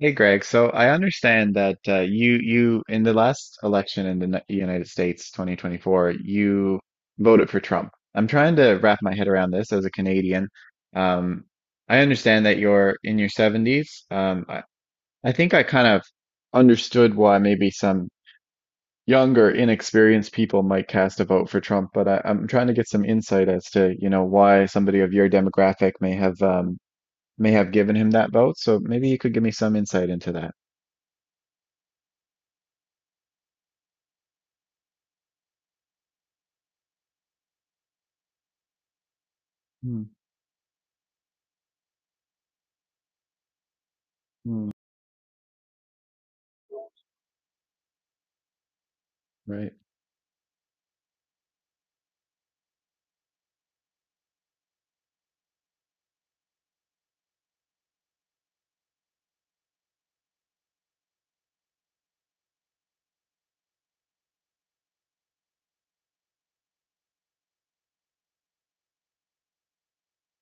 Hey Greg, so I understand that you in the last election in the United States 2024, you voted for Trump. I'm trying to wrap my head around this as a Canadian. Um, I understand that you're in your 70s. I think I kind of understood why maybe some younger, inexperienced people might cast a vote for Trump, but I'm trying to get some insight as to, you know, why somebody of your demographic may have given him that vote. So maybe you could give me some insight into that. Mm, right.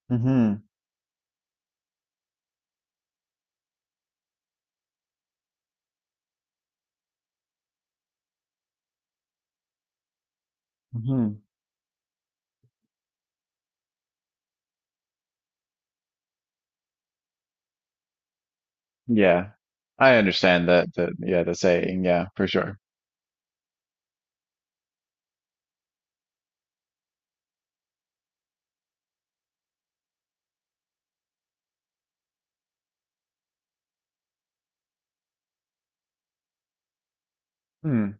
hmm hmm Yeah. I understand yeah, the saying, yeah, for sure. Hmm.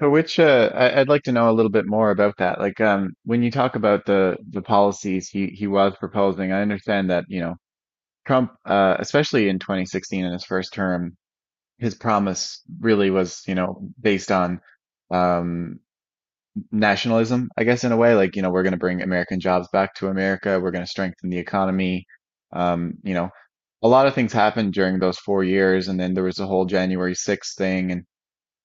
So which, I'd like to know a little bit more about that. Like, when you talk about the policies he was proposing, I understand that, you know, Trump, especially in 2016 in his first term, his promise really was, you know, based on, um, nationalism, I guess, in a way. Like, you know, we're going to bring American jobs back to America. We're going to strengthen the economy. You know, a lot of things happened during those 4 years, and then there was the whole January 6th thing. And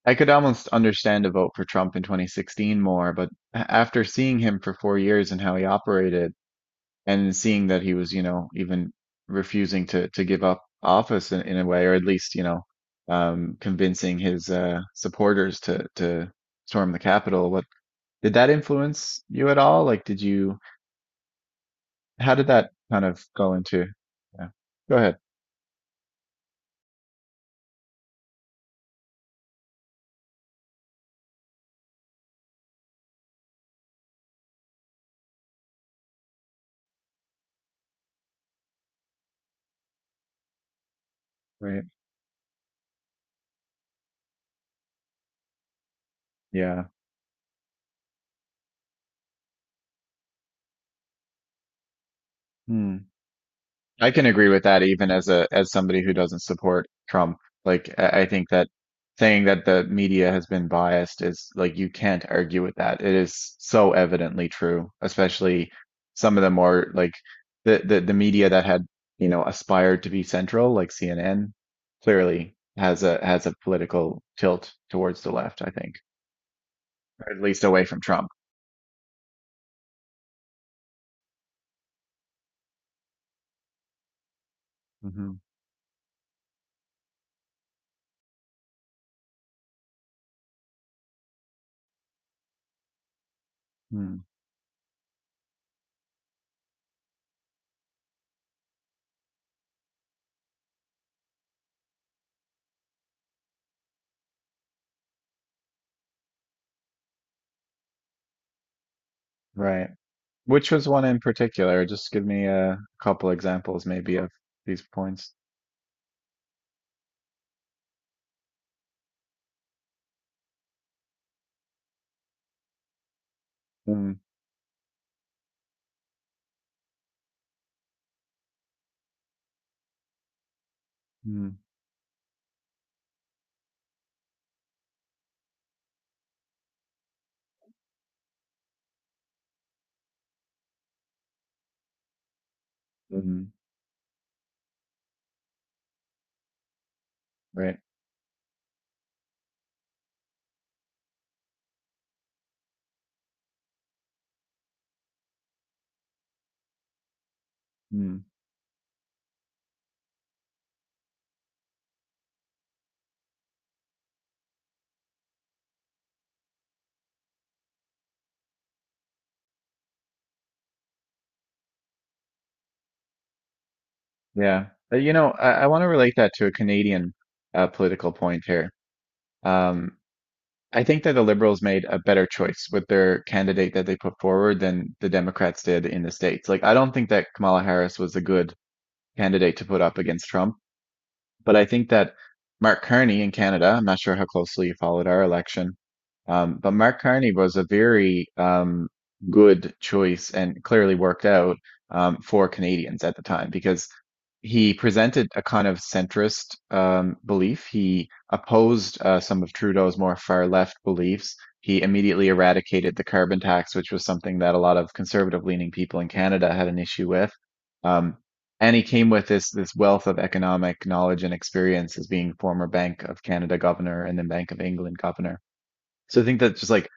I could almost understand a vote for Trump in 2016 more, but after seeing him for 4 years and how he operated, and seeing that he was, you know, even refusing to give up office in a way, or at least, you know, convincing his supporters to storm the Capitol. What did that influence you at all? Like, did you, how did that kind of go into? Yeah. Go ahead. Right. Yeah. Hmm. I can agree with that even as somebody who doesn't support Trump. Like I think that saying that the media has been biased is like you can't argue with that. It is so evidently true, especially some of the more like the media that had, you know, aspired to be central, like CNN, clearly has a political tilt towards the left, I think. At least away from Trump. Hmm Hmm. Right. Which was one in particular? Just give me a couple examples, maybe, of these points. Mm, mm, mm, right. Mm, yeah. You know, I want to relate that to a Canadian political point here. Um, I think that the Liberals made a better choice with their candidate that they put forward than the Democrats did in the States. Like, I don't think that Kamala Harris was a good candidate to put up against Trump. But I think that Mark Carney in Canada, I'm not sure how closely you followed our election, but Mark Carney was a very good choice and clearly worked out for Canadians at the time because he presented a kind of centrist belief. He opposed some of Trudeau's more far left beliefs. He immediately eradicated the carbon tax, which was something that a lot of conservative leaning people in Canada had an issue with. Um, and he came with this wealth of economic knowledge and experience as being former Bank of Canada governor and then Bank of England governor. So I think that's just like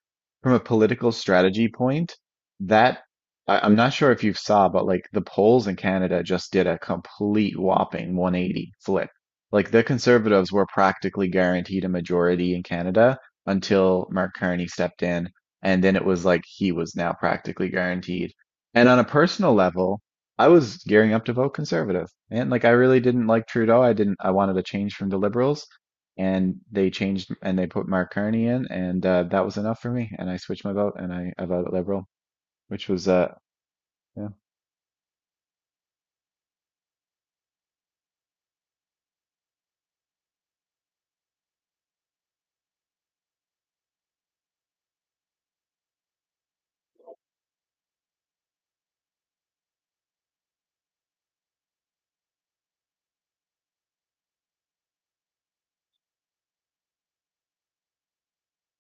from a political strategy point, that I'm not sure if you saw, but like the polls in Canada just did a complete whopping 180 flip. Like the Conservatives were practically guaranteed a majority in Canada until Mark Carney stepped in, and then it was like he was now practically guaranteed. And on a personal level, I was gearing up to vote Conservative, and like I really didn't like Trudeau. I didn't. I wanted a change from the Liberals and they changed and they put Mark Carney in, and that was enough for me. And I switched my vote, and I voted Liberal, which was yeah.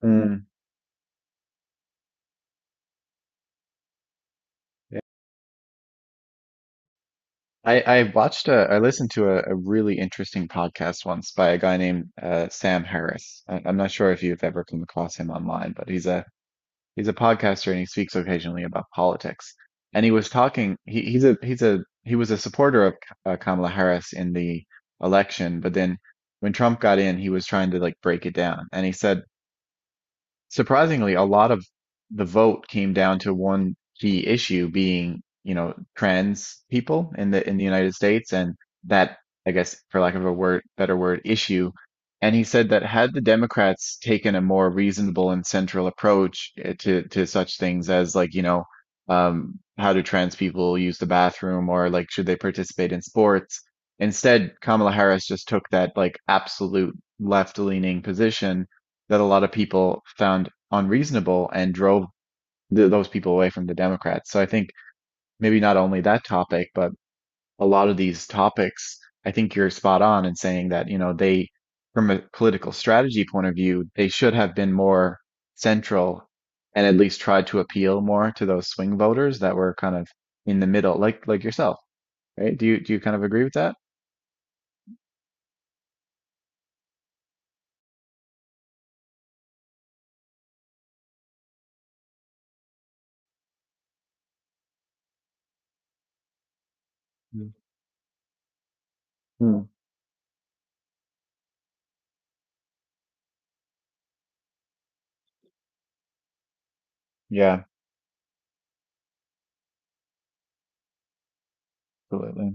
Mm, yeah. I watched I listened to a really interesting podcast once by a guy named Sam Harris. I'm not sure if you've ever come across him online, but he's a podcaster and he speaks occasionally about politics. And he was talking. He, he's a he was a supporter of Kamala Harris in the election, but then when Trump got in, he was trying to like break it down, and he said surprisingly, a lot of the vote came down to one key issue being, you know, trans people in the United States, and that, I guess, for lack of better word, issue. And he said that had the Democrats taken a more reasonable and central approach eh, to such things as like, you know, how do trans people use the bathroom or like should they participate in sports? Instead, Kamala Harris just took that like absolute left-leaning position that a lot of people found unreasonable and drove those people away from the Democrats. So I think maybe not only that topic, but a lot of these topics, I think you're spot on in saying that, you know, they, from a political strategy point of view, they should have been more central and at least tried to appeal more to those swing voters that were kind of in the middle, like yourself right? Do you kind of agree with that? Mm. Hmm. Yeah, absolutely.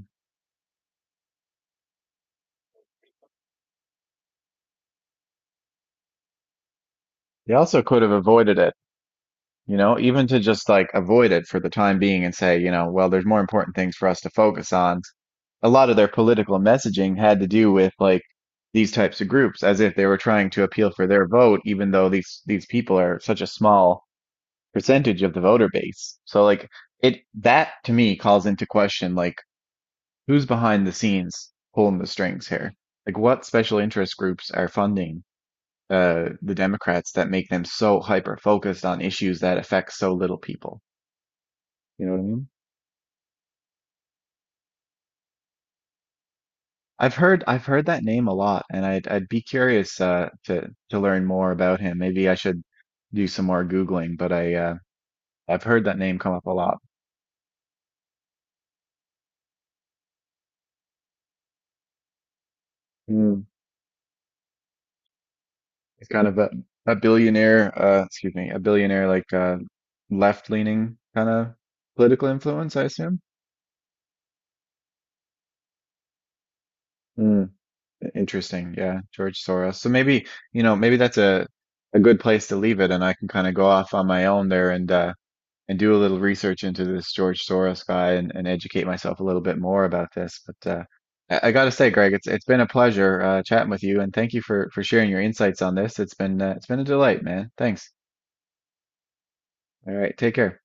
They also could have avoided it, you know, even to just like avoid it for the time being and say, you know, well, there's more important things for us to focus on. A lot of their political messaging had to do with like these types of groups as if they were trying to appeal for their vote, even though these people are such a small percentage of the voter base. So like it that to me calls into question like who's behind the scenes pulling the strings here? Like what special interest groups are funding the Democrats that make them so hyper focused on issues that affect so little people? You know what I mean? I've heard that name a lot, and I'd be curious to learn more about him. Maybe I should do some more Googling, but I I've heard that name come up a lot. Mm. It's kind of a billionaire, excuse me, a billionaire like left-leaning kind of political influence, I assume. Mm. Interesting, yeah, George Soros. So maybe you know maybe that's a good place to leave it, and I can kind of go off on my own there and do a little research into this George Soros guy and educate myself a little bit more about this. But I got to say, Greg, it's been a pleasure chatting with you, and thank you for sharing your insights on this. It's been a delight, man. Thanks. All right, take care.